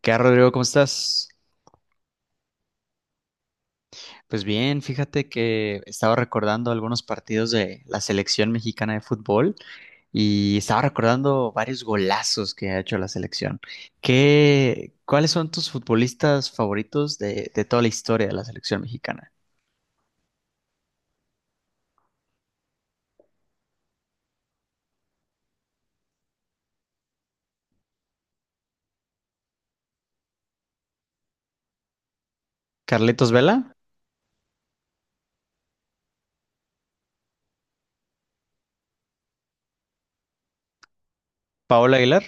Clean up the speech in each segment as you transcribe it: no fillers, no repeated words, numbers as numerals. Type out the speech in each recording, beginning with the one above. ¿Qué tal, Rodrigo? ¿Cómo estás? Pues bien, fíjate que estaba recordando algunos partidos de la selección mexicana de fútbol y estaba recordando varios golazos que ha hecho la selección. ¿Qué, cuáles son tus futbolistas favoritos de toda la historia de la selección mexicana? ¿Carletos Vela? ¿Paola Aguilar?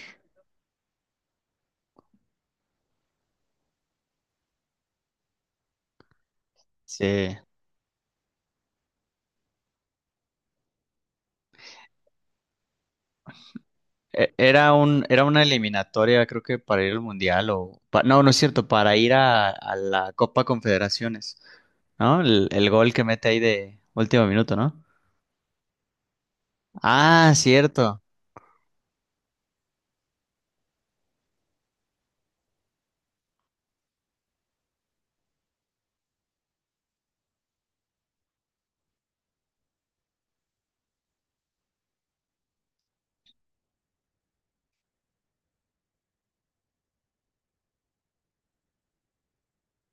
Sí. Era era una eliminatoria, creo que para ir al Mundial o, no, no es cierto, para ir a la Copa Confederaciones. ¿No? El gol que mete ahí de último minuto, ¿no? Ah, cierto.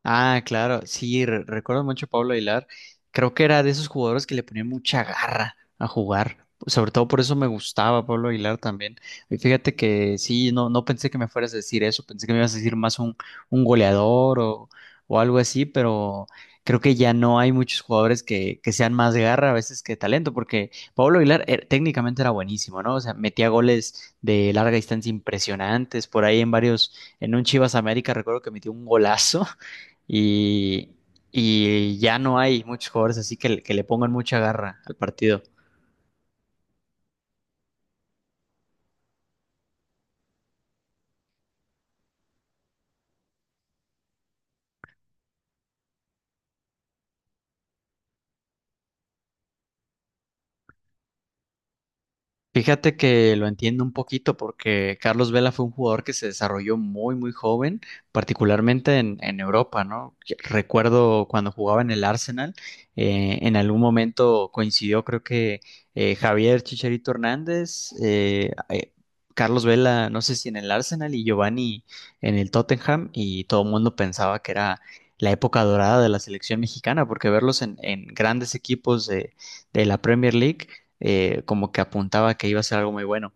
Ah, claro, sí, recuerdo mucho a Pablo Aguilar. Creo que era de esos jugadores que le ponían mucha garra a jugar. Sobre todo por eso me gustaba Pablo Aguilar también. Y fíjate que sí, no, no pensé que me fueras a decir eso, pensé que me ibas a decir más un goleador o algo así, pero creo que ya no hay muchos jugadores que sean más de garra a veces que talento, porque Pablo Aguilar técnicamente era buenísimo, ¿no? O sea, metía goles de larga distancia impresionantes, por ahí en varios, en un Chivas América recuerdo que metió un golazo y, y ya no hay muchos jugadores así que, que le pongan mucha garra al partido. Fíjate que lo entiendo un poquito porque Carlos Vela fue un jugador que se desarrolló muy, muy joven, particularmente en Europa, ¿no? Recuerdo cuando jugaba en el Arsenal, en algún momento coincidió, creo que Javier Chicharito Hernández, Carlos Vela, no sé si en el Arsenal y Giovanni en el Tottenham, y todo el mundo pensaba que era la época dorada de la selección mexicana, porque verlos en grandes equipos de la Premier League como que apuntaba que iba a ser algo muy bueno.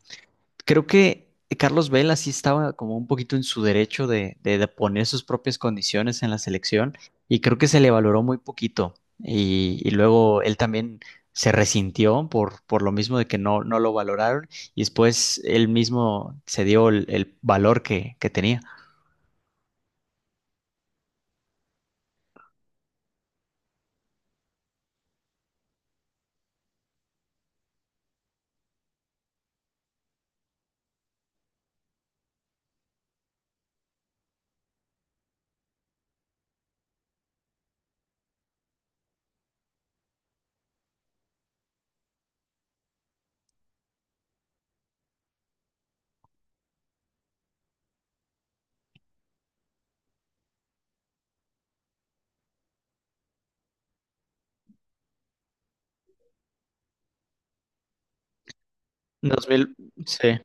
Creo que Carlos Vela sí estaba como un poquito en su derecho de poner sus propias condiciones en la selección y creo que se le valoró muy poquito y luego él también se resintió por lo mismo de que no, no lo valoraron y después él mismo se dio el valor que tenía. 2000, sí,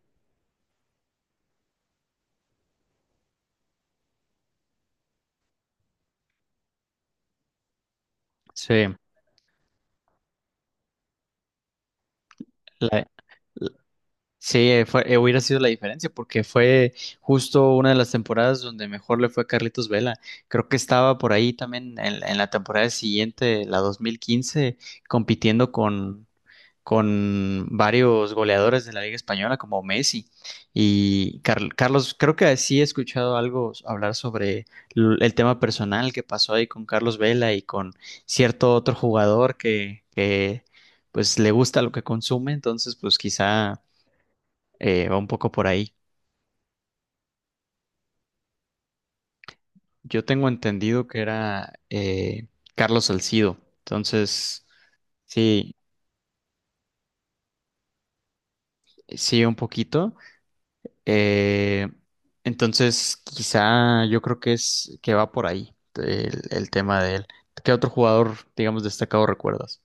sí. La- Sí, fue, hubiera sido la diferencia porque fue justo una de las temporadas donde mejor le fue a Carlitos Vela. Creo que estaba por ahí también en la temporada siguiente, la 2015, compitiendo con varios goleadores de la Liga Española como Messi. Y Carlos, creo que sí he escuchado algo hablar sobre el tema personal que pasó ahí con Carlos Vela y con cierto otro jugador que pues le gusta lo que consume, entonces pues quizá... va un poco por ahí. Yo tengo entendido que era Carlos Salcido. Entonces, sí, sí, un poquito. Eh, entonces, quizá yo creo que es que va por ahí el tema de él. ¿Qué otro jugador, digamos, destacado recuerdas?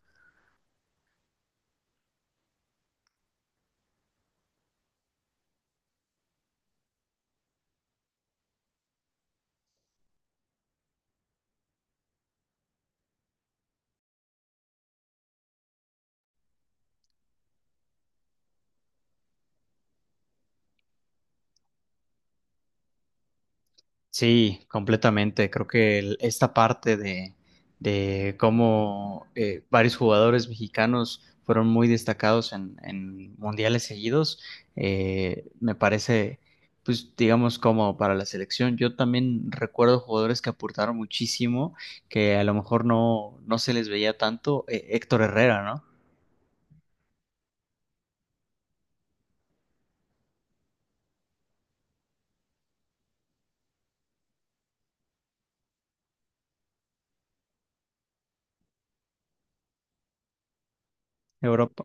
Sí, completamente. Creo que esta parte de cómo varios jugadores mexicanos fueron muy destacados en mundiales seguidos, me parece, pues digamos, como para la selección. Yo también recuerdo jugadores que aportaron muchísimo, que a lo mejor no, no se les veía tanto. Héctor Herrera, ¿no? Europa.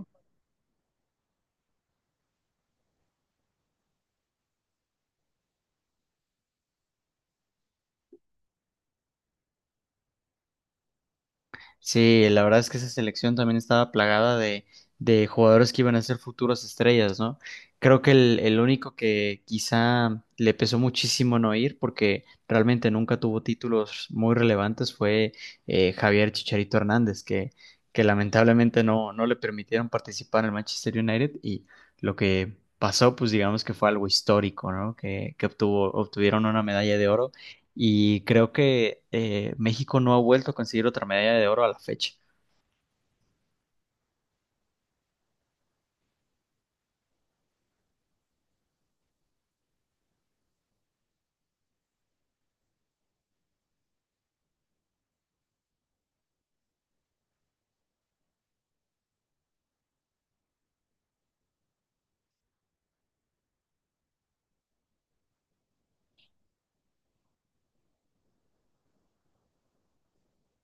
Sí, la verdad es que esa selección también estaba plagada de jugadores que iban a ser futuras estrellas, ¿no? Creo que el único que quizá le pesó muchísimo no ir, porque realmente nunca tuvo títulos muy relevantes, fue Javier Chicharito Hernández, que lamentablemente no, no le permitieron participar en el Manchester United y lo que pasó, pues digamos que fue algo histórico, ¿no? Que obtuvo, obtuvieron una medalla de oro y creo que México no ha vuelto a conseguir otra medalla de oro a la fecha.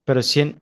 Pero sí, en-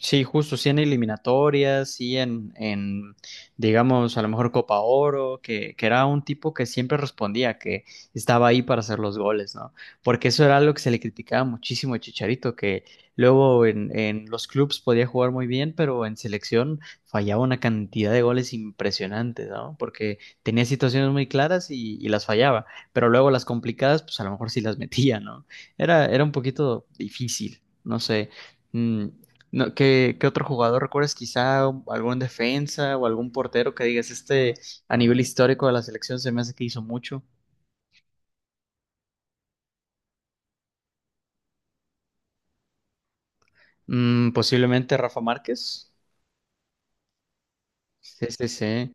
Sí, justo, sí en eliminatorias, sí en, digamos, a lo mejor Copa Oro, que era un tipo que siempre respondía, que estaba ahí para hacer los goles, ¿no? Porque eso era algo que se le criticaba muchísimo a Chicharito, que luego en los clubes podía jugar muy bien, pero en selección fallaba una cantidad de goles impresionantes, ¿no? Porque tenía situaciones muy claras y las fallaba, pero luego las complicadas, pues a lo mejor sí las metía, ¿no? Era, era un poquito difícil, no sé. Mm, no, ¿qué, qué otro jugador recuerdas? Quizá algún defensa o algún portero que digas, este a nivel histórico de la selección se me hace que hizo mucho. Mm, posiblemente Rafa Márquez. Sí, sí, sí.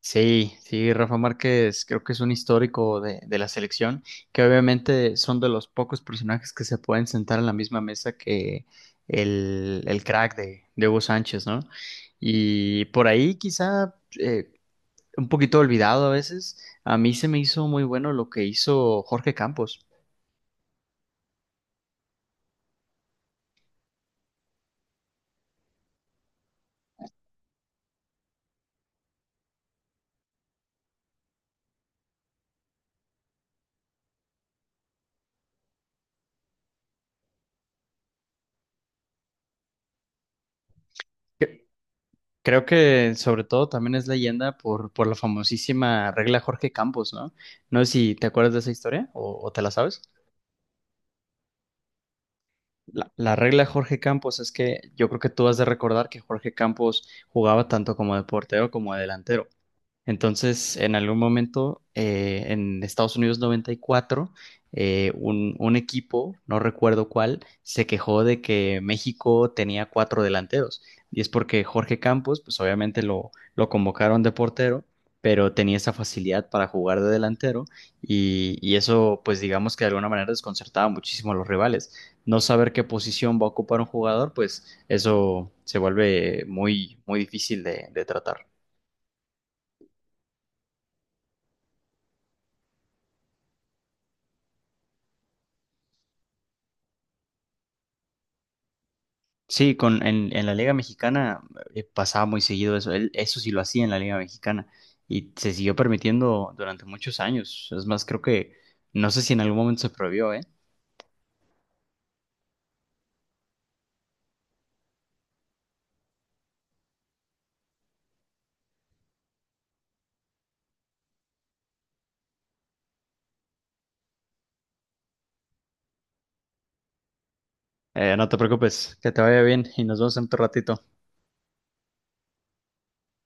Sí, sí, Rafa Márquez creo que es un histórico de la selección, que obviamente son de los pocos personajes que se pueden sentar en la misma mesa que el crack de Hugo Sánchez, ¿no? Y por ahí quizá eh, un poquito olvidado a veces. A mí se me hizo muy bueno lo que hizo Jorge Campos. Que- Creo que sobre todo también es leyenda por la famosísima regla Jorge Campos, ¿no? No sé si te acuerdas de esa historia o te la sabes. La regla Jorge Campos es que yo creo que tú has de recordar que Jorge Campos jugaba tanto como de portero como de delantero. Entonces, en algún momento, en Estados Unidos 94, un equipo, no recuerdo cuál, se quejó de que México tenía cuatro delanteros. Y es porque Jorge Campos, pues obviamente lo convocaron de portero, pero tenía esa facilidad para jugar de delantero y eso, pues digamos que de alguna manera desconcertaba muchísimo a los rivales. No saber qué posición va a ocupar un jugador, pues eso se vuelve muy, muy difícil de tratar. Sí, con, en la Liga Mexicana pasaba muy seguido eso. Él- eso sí lo hacía en la Liga Mexicana y se siguió permitiendo durante muchos años. Es más, creo que no sé si en algún momento se prohibió, ¿eh? No te preocupes, que te vaya bien y nos vemos en otro ratito.